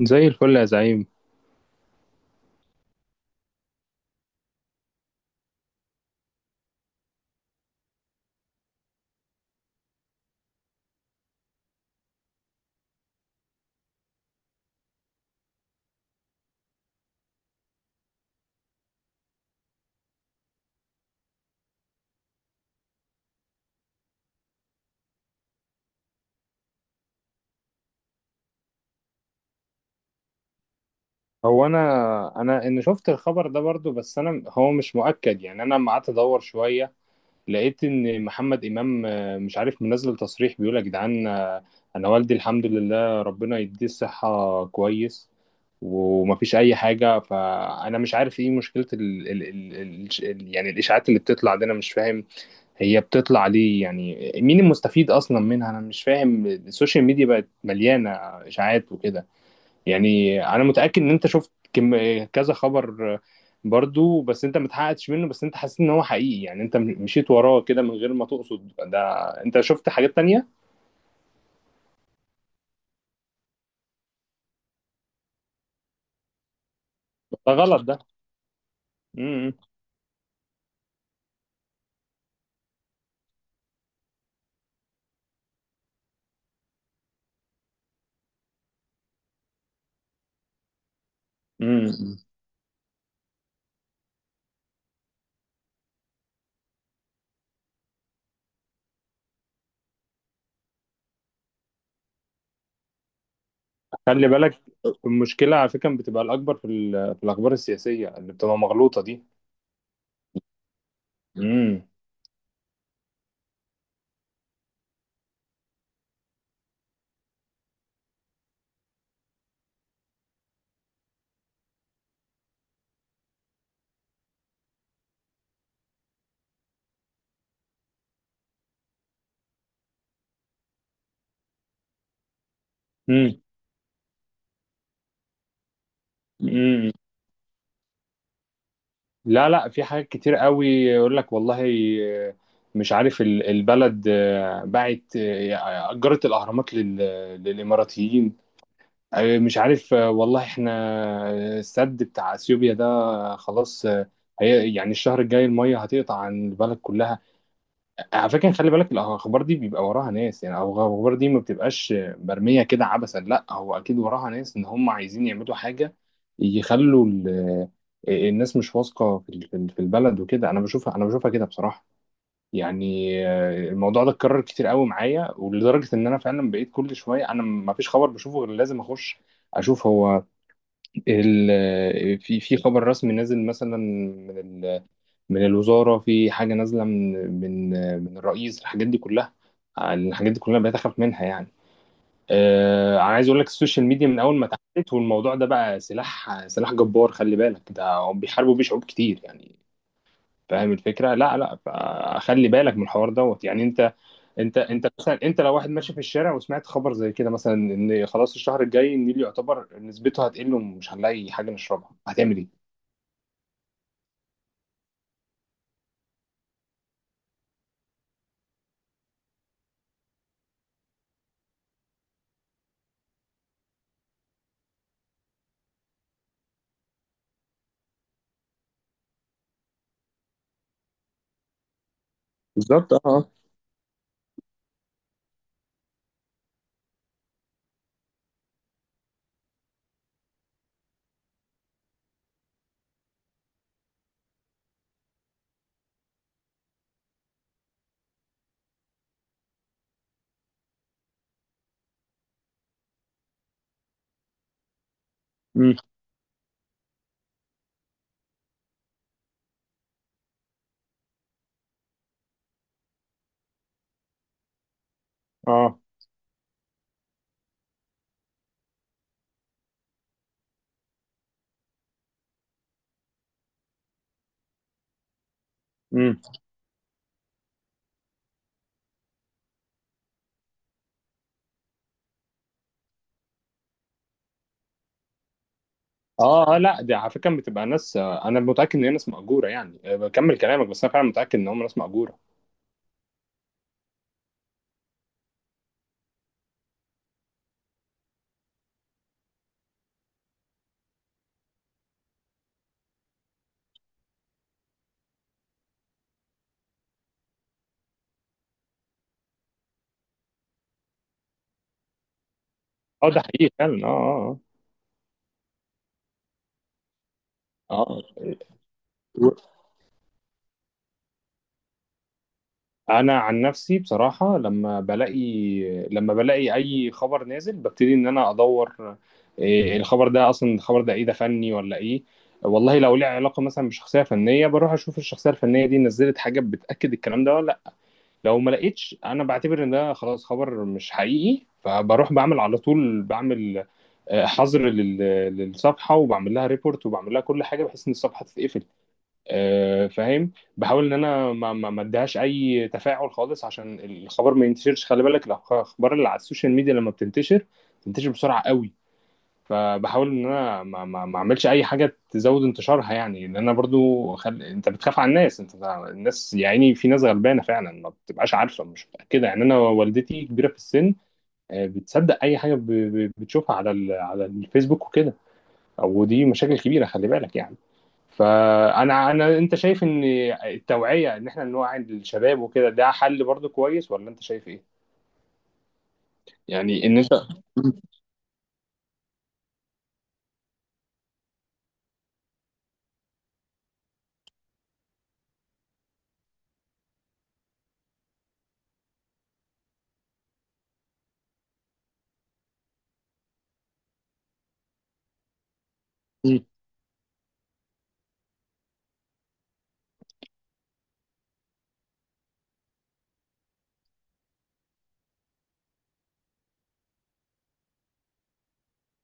زي الفل يا زعيم. هو انا ان شفت الخبر ده برضو، بس انا هو مش مؤكد. يعني انا لما قعدت ادور شويه لقيت ان محمد امام مش عارف منزل تصريح بيقول يا جدعان. انا والدي الحمد لله ربنا يديه الصحه كويس ومفيش اي حاجه. فانا مش عارف ايه مشكله ال يعني الاشاعات اللي بتطلع دي، انا مش فاهم هي بتطلع ليه، يعني مين المستفيد اصلا منها؟ انا مش فاهم. السوشيال ميديا بقت مليانه اشاعات وكده. يعني انا متاكد ان انت شفت كم كذا خبر برضو، بس انت متحققتش منه، بس انت حسيت ان هو حقيقي، يعني انت مشيت وراه كده من غير ما تقصد. ده انت شفت حاجات تانية؟ ده غلط ده. امم. إمم، إمم. خلي بالك، المشكله على فكره بتبقى الاكبر في، في الاخبار السياسيه اللي بتبقى مغلوطه دي. امم. امم إمم، إمم. لا لا، في حاجات كتير قوي يقول لك والله مش عارف البلد باعت، أجرت الأهرامات للإماراتيين. مش عارف، والله احنا السد بتاع أثيوبيا ده خلاص، هي يعني الشهر الجاي المية هتقطع عن البلد كلها. على فكرة خلي بالك، الأخبار دي بيبقى وراها ناس، يعني أو الأخبار دي ما بتبقاش مرمية كده عبثا، لا هو أكيد وراها ناس إن هم عايزين يعملوا حاجة، يخلوا الناس مش واثقة في في البلد وكده. أنا بشوفها، أنا بشوفها كده بصراحة. يعني الموضوع ده اتكرر كتير قوي معايا، ولدرجة إن أنا فعلا بقيت كل شوية أنا ما فيش خبر بشوفه غير لازم أخش أشوف هو في خبر رسمي نازل مثلا من من الوزارة، في حاجة نازلة من من من الرئيس. الحاجات دي كلها، الحاجات دي كلها بقيت أخاف منها يعني. أنا عايز أقول لك السوشيال ميديا من أول ما اتعملت والموضوع ده بقى سلاح جبار. خلي بالك، ده هم بيحاربوا بيه شعوب كتير يعني. فاهم الفكرة؟ لا لا، فخلي بالك من الحوار دوت يعني. أنت انت انت مثلا انت لو واحد ماشي في الشارع وسمعت خبر زي كده مثلا ان خلاص الشهر الجاي النيل يعتبر نسبته هتقل ومش هنلاقي حاجه نشربها، هتعمل ايه؟ بالظبط، اه اه. مم. اه. امم. اه. لا دي على فكره بتبقى ناس، انا متاكد ان هي ناس مأجوره، يعني بكمل كلامك، بس انا فعلا متاكد ان هم ناس مأجوره. اه ده حقيقي فعلا، اه. اه اه. آه. انا عن نفسي بصراحه لما بلاقي، لما بلاقي اي خبر نازل ببتدي ان انا ادور إيه الخبر ده اصلا، الخبر ده ايه، ده فني ولا ايه. والله لو ليه علاقه مثلا بشخصيه فنيه بروح اشوف الشخصيه الفنيه دي نزلت حاجه بتاكد الكلام ده ولا لا. لو ما لقيتش انا بعتبر ان ده خلاص خبر مش حقيقي، فبروح بعمل على طول بعمل حظر للصفحه، وبعمل لها ريبورت، وبعمل لها كل حاجه بحيث ان الصفحه تتقفل. فاهم، بحاول ان انا ما اديهاش اي تفاعل خالص عشان الخبر ما ينتشرش. خلي بالك الاخبار اللي على السوشيال ميديا لما بتنتشر بتنتشر بسرعه قوي، فبحاول ان انا ما اعملش اي حاجه تزود انتشارها، يعني لان انا برضو انت بتخاف على الناس. انت الناس يا عيني في ناس غلبانه فعلا ما بتبقاش عارفه، مش متاكده. يعني انا والدتي كبيره في السن، بتصدق اي حاجه بتشوفها على على الفيسبوك وكده. او دي مشاكل كبيره خلي بالك يعني. فانا انت شايف ان التوعيه، ان احنا نوعي الشباب وكده، ده حل برضه كويس ولا انت شايف ايه؟ يعني ان انت. مم.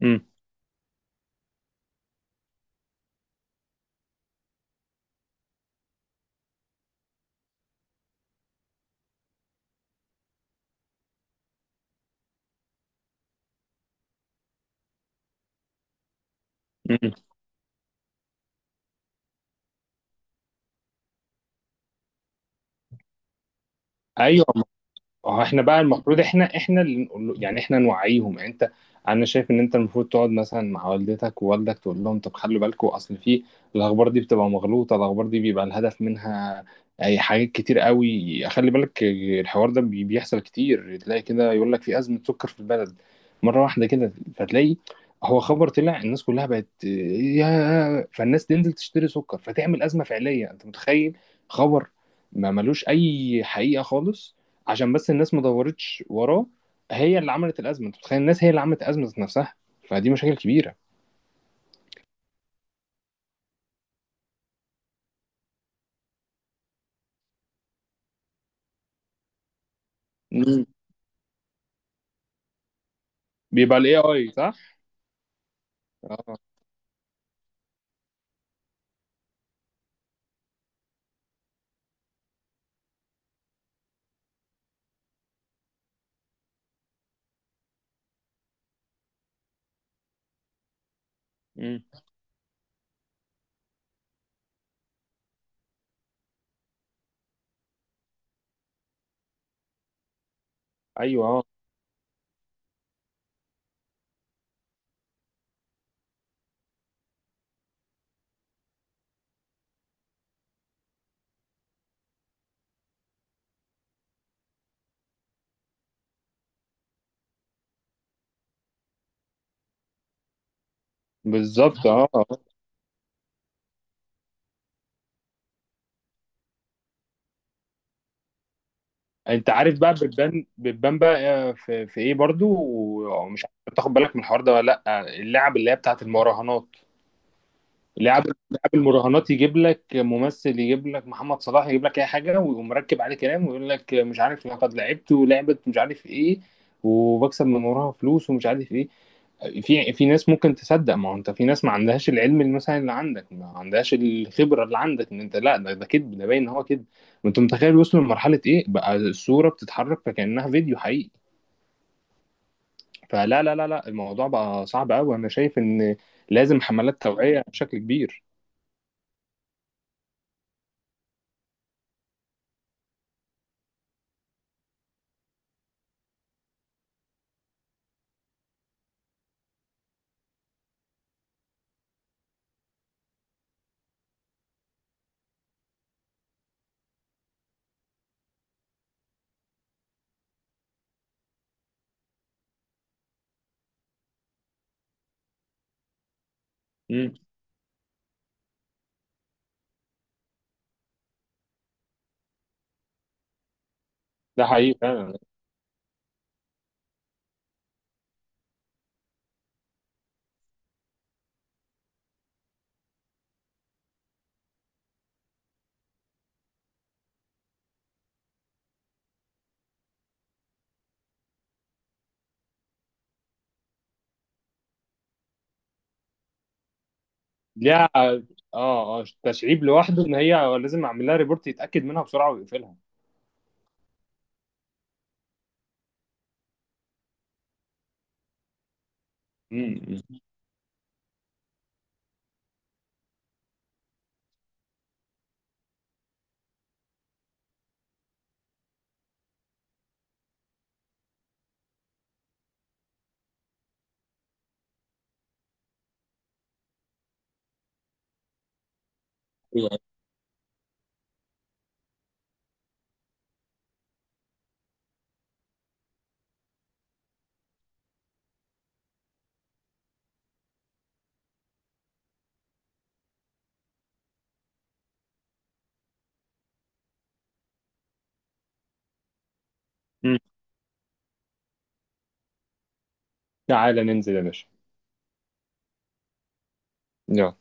مم. مم. ايوه. اه احنا بقى المفروض، احنا اللي نقول له، يعني احنا نوعيهم. يعني انت، انا شايف ان انت المفروض تقعد مثلا مع والدتك ووالدك تقول لهم طب خلوا بالكم اصل في الاخبار دي بتبقى مغلوطه، الاخبار دي بيبقى الهدف منها اي حاجات كتير قوي. خلي بالك الحوار ده بيحصل كتير، تلاقي كده يقول لك في ازمه سكر في البلد مره واحده كده، فتلاقي هو خبر طلع الناس كلها بقت يا فالناس تنزل تشتري سكر فتعمل ازمه فعليه. انت متخيل خبر ما ملوش اي حقيقه خالص، عشان بس الناس ما دورتش وراه، هي اللي عملت الازمه. انت متخيل الناس هي اللي عملت ازمه ذات نفسها؟ فدي مشاكل كبيره. مم. بيبقى الاي اي، صح. اه. مم. ايوه اه بالظبط اه. آه. انت عارف بقى بتبان بتبان بقى، في، في ايه برضو ومش عارف تاخد بالك من الحوار ده ولا لا، اللعب اللي هي بتاعت المراهنات. لعب المراهنات، يجيب لك ممثل، يجيب لك محمد صلاح، يجيب لك اي حاجه ويقوم مركب عليه كلام ويقول لك مش عارف لقد لعبت ولعبت مش عارف ايه وبكسب من وراها فلوس ومش عارف ايه. في ناس ممكن تصدق. ما هو انت في ناس ما عندهاش العلم اللي مثلا اللي عندك، ما عندهاش الخبره اللي عندك ان انت لا ده كذب، ده باين ان هو كذب. ما انت متخيل وصلوا لمرحله ايه بقى، الصوره بتتحرك فكانها فيديو حقيقي. فلا لا، الموضوع بقى صعب قوي. انا شايف ان لازم حملات توعيه بشكل كبير. امم. ده حقيقي فعلا. ليها اه. اه تشعيب لوحده، ان هي لازم اعمل لها ريبورت يتاكد منها بسرعه ويقفلها. امم. امم. تعالى ننزل يا باشا. يلا.